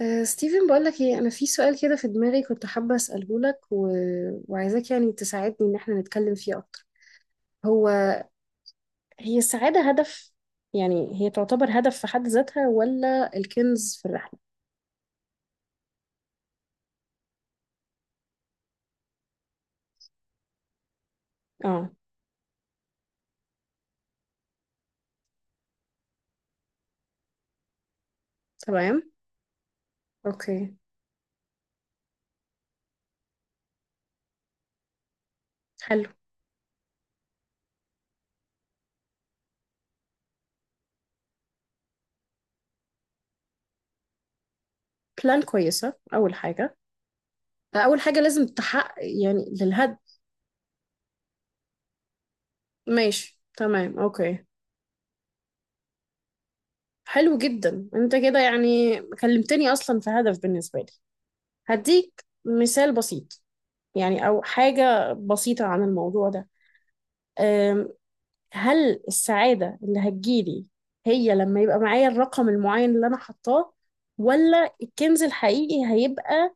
ستيفن، بقولك ايه، انا في سؤال كده في دماغي كنت حابة اسأله لك وعايزاك يعني تساعدني ان احنا نتكلم فيه اكتر. هو هي السعادة هدف؟ يعني هي تعتبر هدف في حد ذاتها ولا الكنز في الرحلة؟ اه. تمام. اوكي. حلو. بلان كويسة اول حاجة. اول حاجة لازم تحقق يعني للهدف. ماشي. تمام. اوكي. حلو جدا، انت كده يعني كلمتني اصلا في هدف بالنسبة لي. هديك مثال بسيط، يعني أو حاجة بسيطة عن الموضوع ده. أم، هل السعادة اللي هتجيلي هي لما يبقى معايا الرقم المعين اللي أنا حطاه، ولا الكنز الحقيقي هيبقى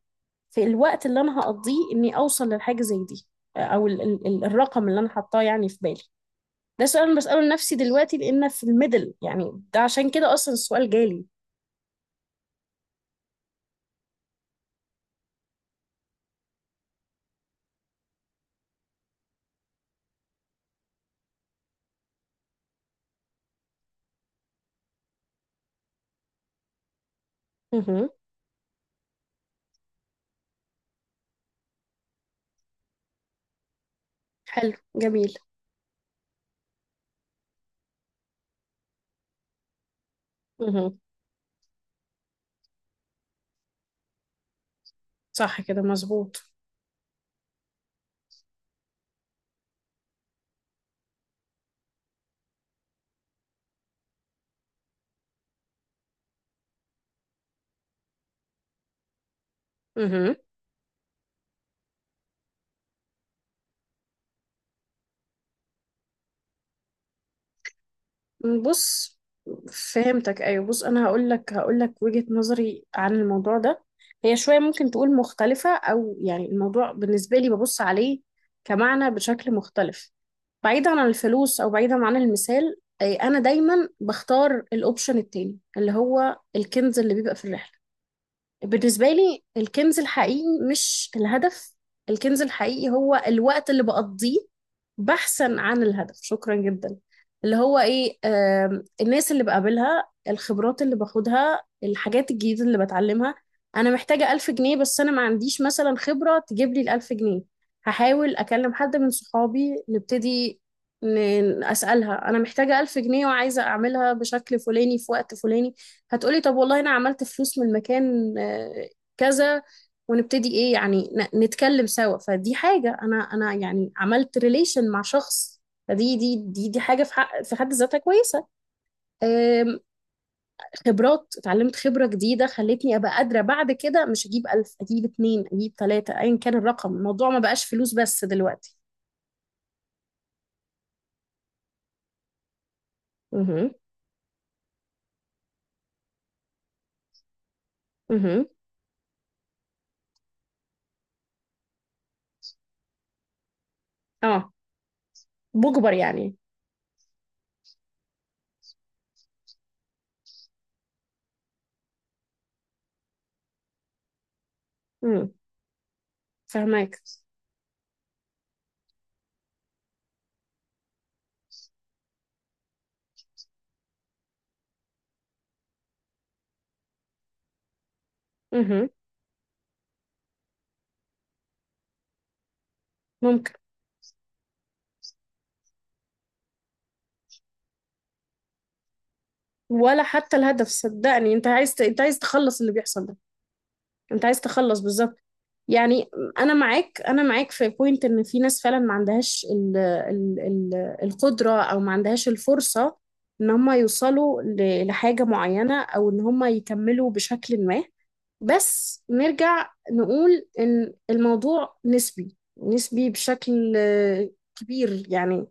في الوقت اللي أنا هقضيه إني أوصل للحاجة زي دي؟ أو الرقم اللي أنا حطاه يعني في بالي. ده سؤال أنا بسأله لنفسي دلوقتي، لأن في الميدل يعني ده عشان كده أصلا السؤال جالي. مهم. حلو جميل. مهم. صح كده، مظبوط. مهم. بص، فهمتك. ايوه، بص، انا هقول لك وجهة نظري عن الموضوع ده. هي شوية ممكن تقول مختلفة، او يعني الموضوع بالنسبة لي ببص عليه كمعنى بشكل مختلف. بعيدا عن الفلوس او بعيدا عن المثال. أي انا دايما بختار الاوبشن التاني اللي هو الكنز اللي بيبقى في الرحلة. بالنسبة لي الكنز الحقيقي مش الهدف. الكنز الحقيقي هو الوقت اللي بقضيه بحثا عن الهدف. شكرا جدا. اللي هو ايه، الناس اللي بقابلها، الخبرات اللي باخدها، الحاجات الجديدة اللي بتعلمها. انا محتاجة ألف جنيه بس انا ما عنديش مثلا خبرة تجيب لي الألف جنيه. هحاول أكلم حد من صحابي، نبتدي، أسألها أنا محتاجة ألف جنيه وعايزة أعملها بشكل فلاني في وقت فلاني. هتقولي طب والله انا عملت فلوس من المكان كذا، ونبتدي ايه يعني نتكلم سوا. فدي حاجة، انا يعني عملت ريليشن مع شخص. فدي دي حاجة في حق في حد ذاتها كويسة. آم، خبرات اتعلمت، خبرة جديدة خلتني ابقى قادرة بعد كده مش اجيب ألف، اجيب اتنين، اجيب تلاتة، ايا كان الرقم. الموضوع ما بقاش فلوس بس دلوقتي. اها. اها. اه. بجبر يعني. امم. فهماك. اها. ولا حتى الهدف، صدقني، انت عايز تخلص اللي بيحصل ده. انت عايز تخلص بالظبط. يعني انا معاك في بوينت ان في ناس فعلا ما عندهاش القدرة، او ما عندهاش الفرصة ان هم يوصلوا لحاجة معينة، او ان هم يكملوا بشكل ما. بس نرجع نقول ان الموضوع نسبي، نسبي بشكل كبير يعني.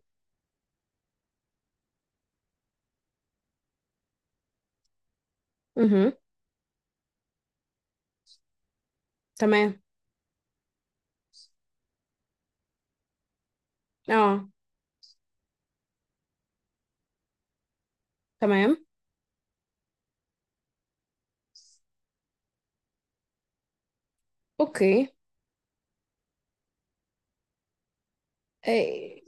امم. تمام. اه. تمام. اوكي. آه،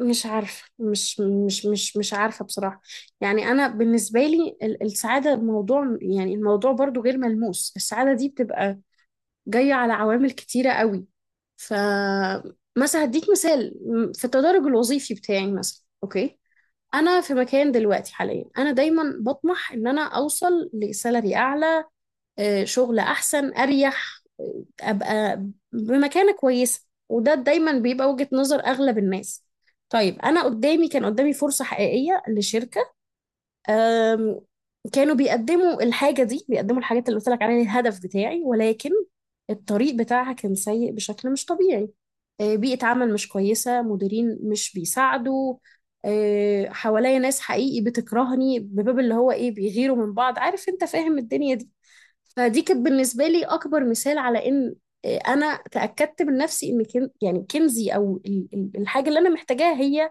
مش عارفة مش مش مش مش عارفة بصراحة. يعني أنا بالنسبة لي السعادة، يعني الموضوع برضو غير ملموس. السعادة دي بتبقى جاية على عوامل كتيرة قوي. ف مثلا هديك مثال. في التدرج الوظيفي بتاعي مثلا، أوكي، أنا في مكان دلوقتي حاليا، أنا دايما بطمح إن أنا أوصل لسالري أعلى، شغل احسن اريح، ابقى بمكانه كويسه، وده دايما بيبقى وجهة نظر اغلب الناس. طيب انا كان قدامي فرصه حقيقيه لشركه. آم، كانوا بيقدموا الحاجه دي، بيقدموا الحاجات اللي قلت لك عليها، الهدف بتاعي، ولكن الطريق بتاعها كان سيء بشكل مش طبيعي. بيئه عمل مش كويسه، مديرين مش بيساعدوا، حواليا ناس حقيقي بتكرهني، بباب اللي هو ايه بيغيروا من بعض، عارف، انت فاهم الدنيا دي. فدي كانت بالنسبة لي أكبر مثال على إن أنا تأكدت من نفسي إن يعني كنزي أو الحاجة اللي أنا محتاجاها هي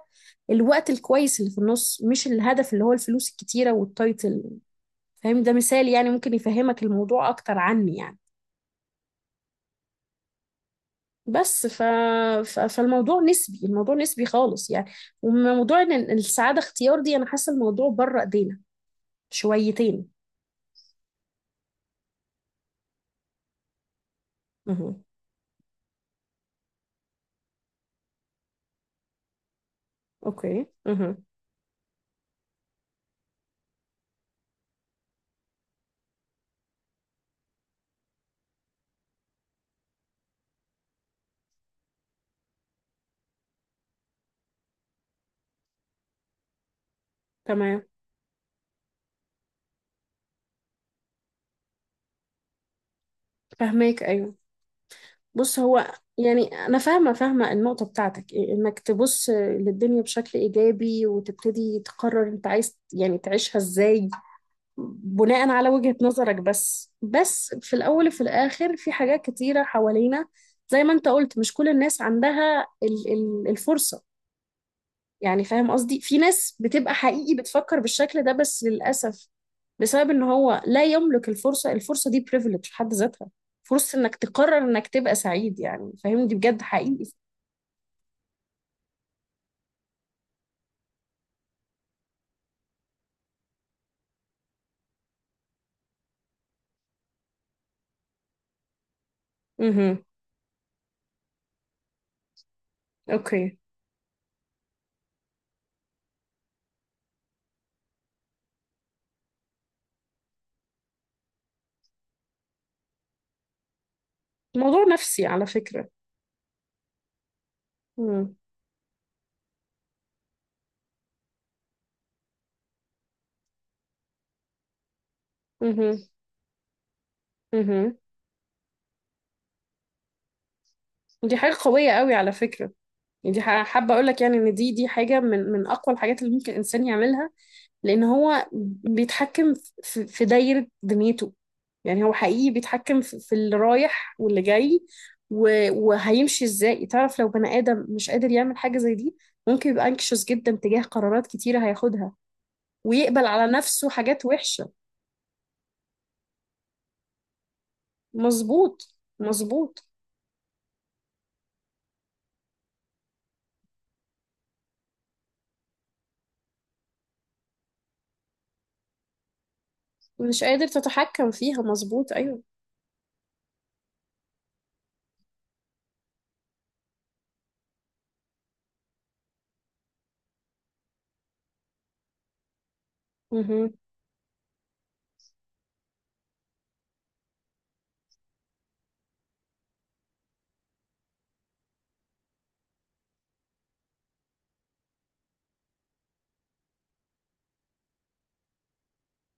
الوقت الكويس اللي في النص، مش الهدف اللي هو الفلوس الكتيرة والتايتل. فاهم؟ ده مثال يعني ممكن يفهمك الموضوع أكتر عني يعني. بس فالموضوع نسبي، الموضوع نسبي خالص يعني. وموضوع إن السعادة اختيار دي، أنا حاسة الموضوع بره إيدينا شويتين. مه. أوكي. مه. تمام. فهماك أيوه. بص، هو يعني انا فاهمه فاهمه النقطه بتاعتك، إيه، انك تبص للدنيا بشكل ايجابي وتبتدي تقرر انت عايز يعني تعيشها ازاي بناء على وجهه نظرك. بس في الاول وفي الاخر في حاجات كتيره حوالينا، زي ما انت قلت، مش كل الناس عندها الفرصه. يعني فاهم قصدي، في ناس بتبقى حقيقي بتفكر بالشكل ده بس للأسف بسبب ان هو لا يملك الفرصة. الفرصة دي privilege في حد ذاتها، فرصة انك تقرر انك تبقى سعيد، يعني فاهم، دي بجد حقيقي. امم. اوكي. موضوع نفسي على فكرة. امم. امم. دي حاجة قوية قوي على فكرة. يعني دي حابة اقول لك يعني ان دي حاجة من اقوى الحاجات اللي ممكن الانسان يعملها، لان هو بيتحكم في دايرة دنيته. يعني هو حقيقي بيتحكم في اللي رايح واللي جاي، وهيمشي ازاي. تعرف، لو بني ادم مش قادر يعمل حاجة زي دي، ممكن يبقى anxious جدا تجاه قرارات كتيرة هياخدها، ويقبل على نفسه حاجات وحشة. مظبوط. مظبوط. مش قادر تتحكم فيها، مظبوط ايوه. مهم.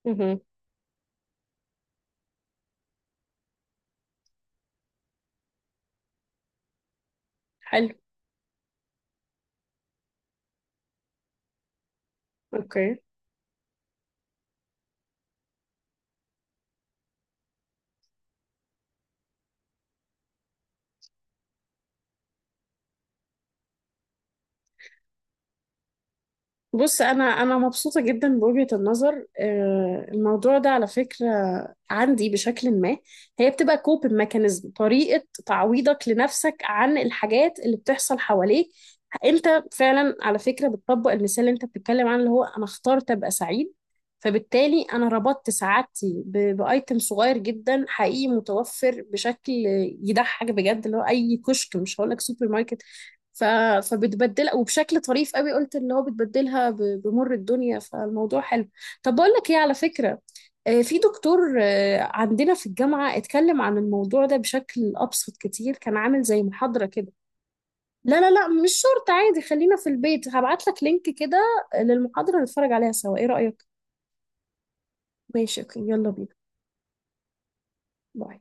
مهم. حلو. اوكي. بص، انا مبسوطه جدا بوجهه النظر، الموضوع ده على فكره عندي بشكل ما. هي بتبقى كوبن ميكانيزم، طريقه تعويضك لنفسك عن الحاجات اللي بتحصل حواليك. انت فعلا على فكره بتطبق المثال اللي انت بتتكلم عنه اللي هو انا اخترت ابقى سعيد، فبالتالي انا ربطت سعادتي بايتم صغير جدا حقيقي متوفر بشكل يضحك بجد، اللي هو اي كشك، مش هقول لك سوبر ماركت. ف... فبتبدلها وبشكل طريف قوي، قلت اللي هو بتبدلها بمر الدنيا، فالموضوع حلو. طب بقول لك ايه على فكرة، في دكتور عندنا في الجامعة اتكلم عن الموضوع ده بشكل أبسط كتير، كان عامل زي محاضرة كده. لا لا لا، مش شرط، عادي، خلينا في البيت، هبعت لك لينك كده للمحاضرة نتفرج عليها سوا، ايه رأيك؟ ماشي. اوكي. يلا بينا. باي.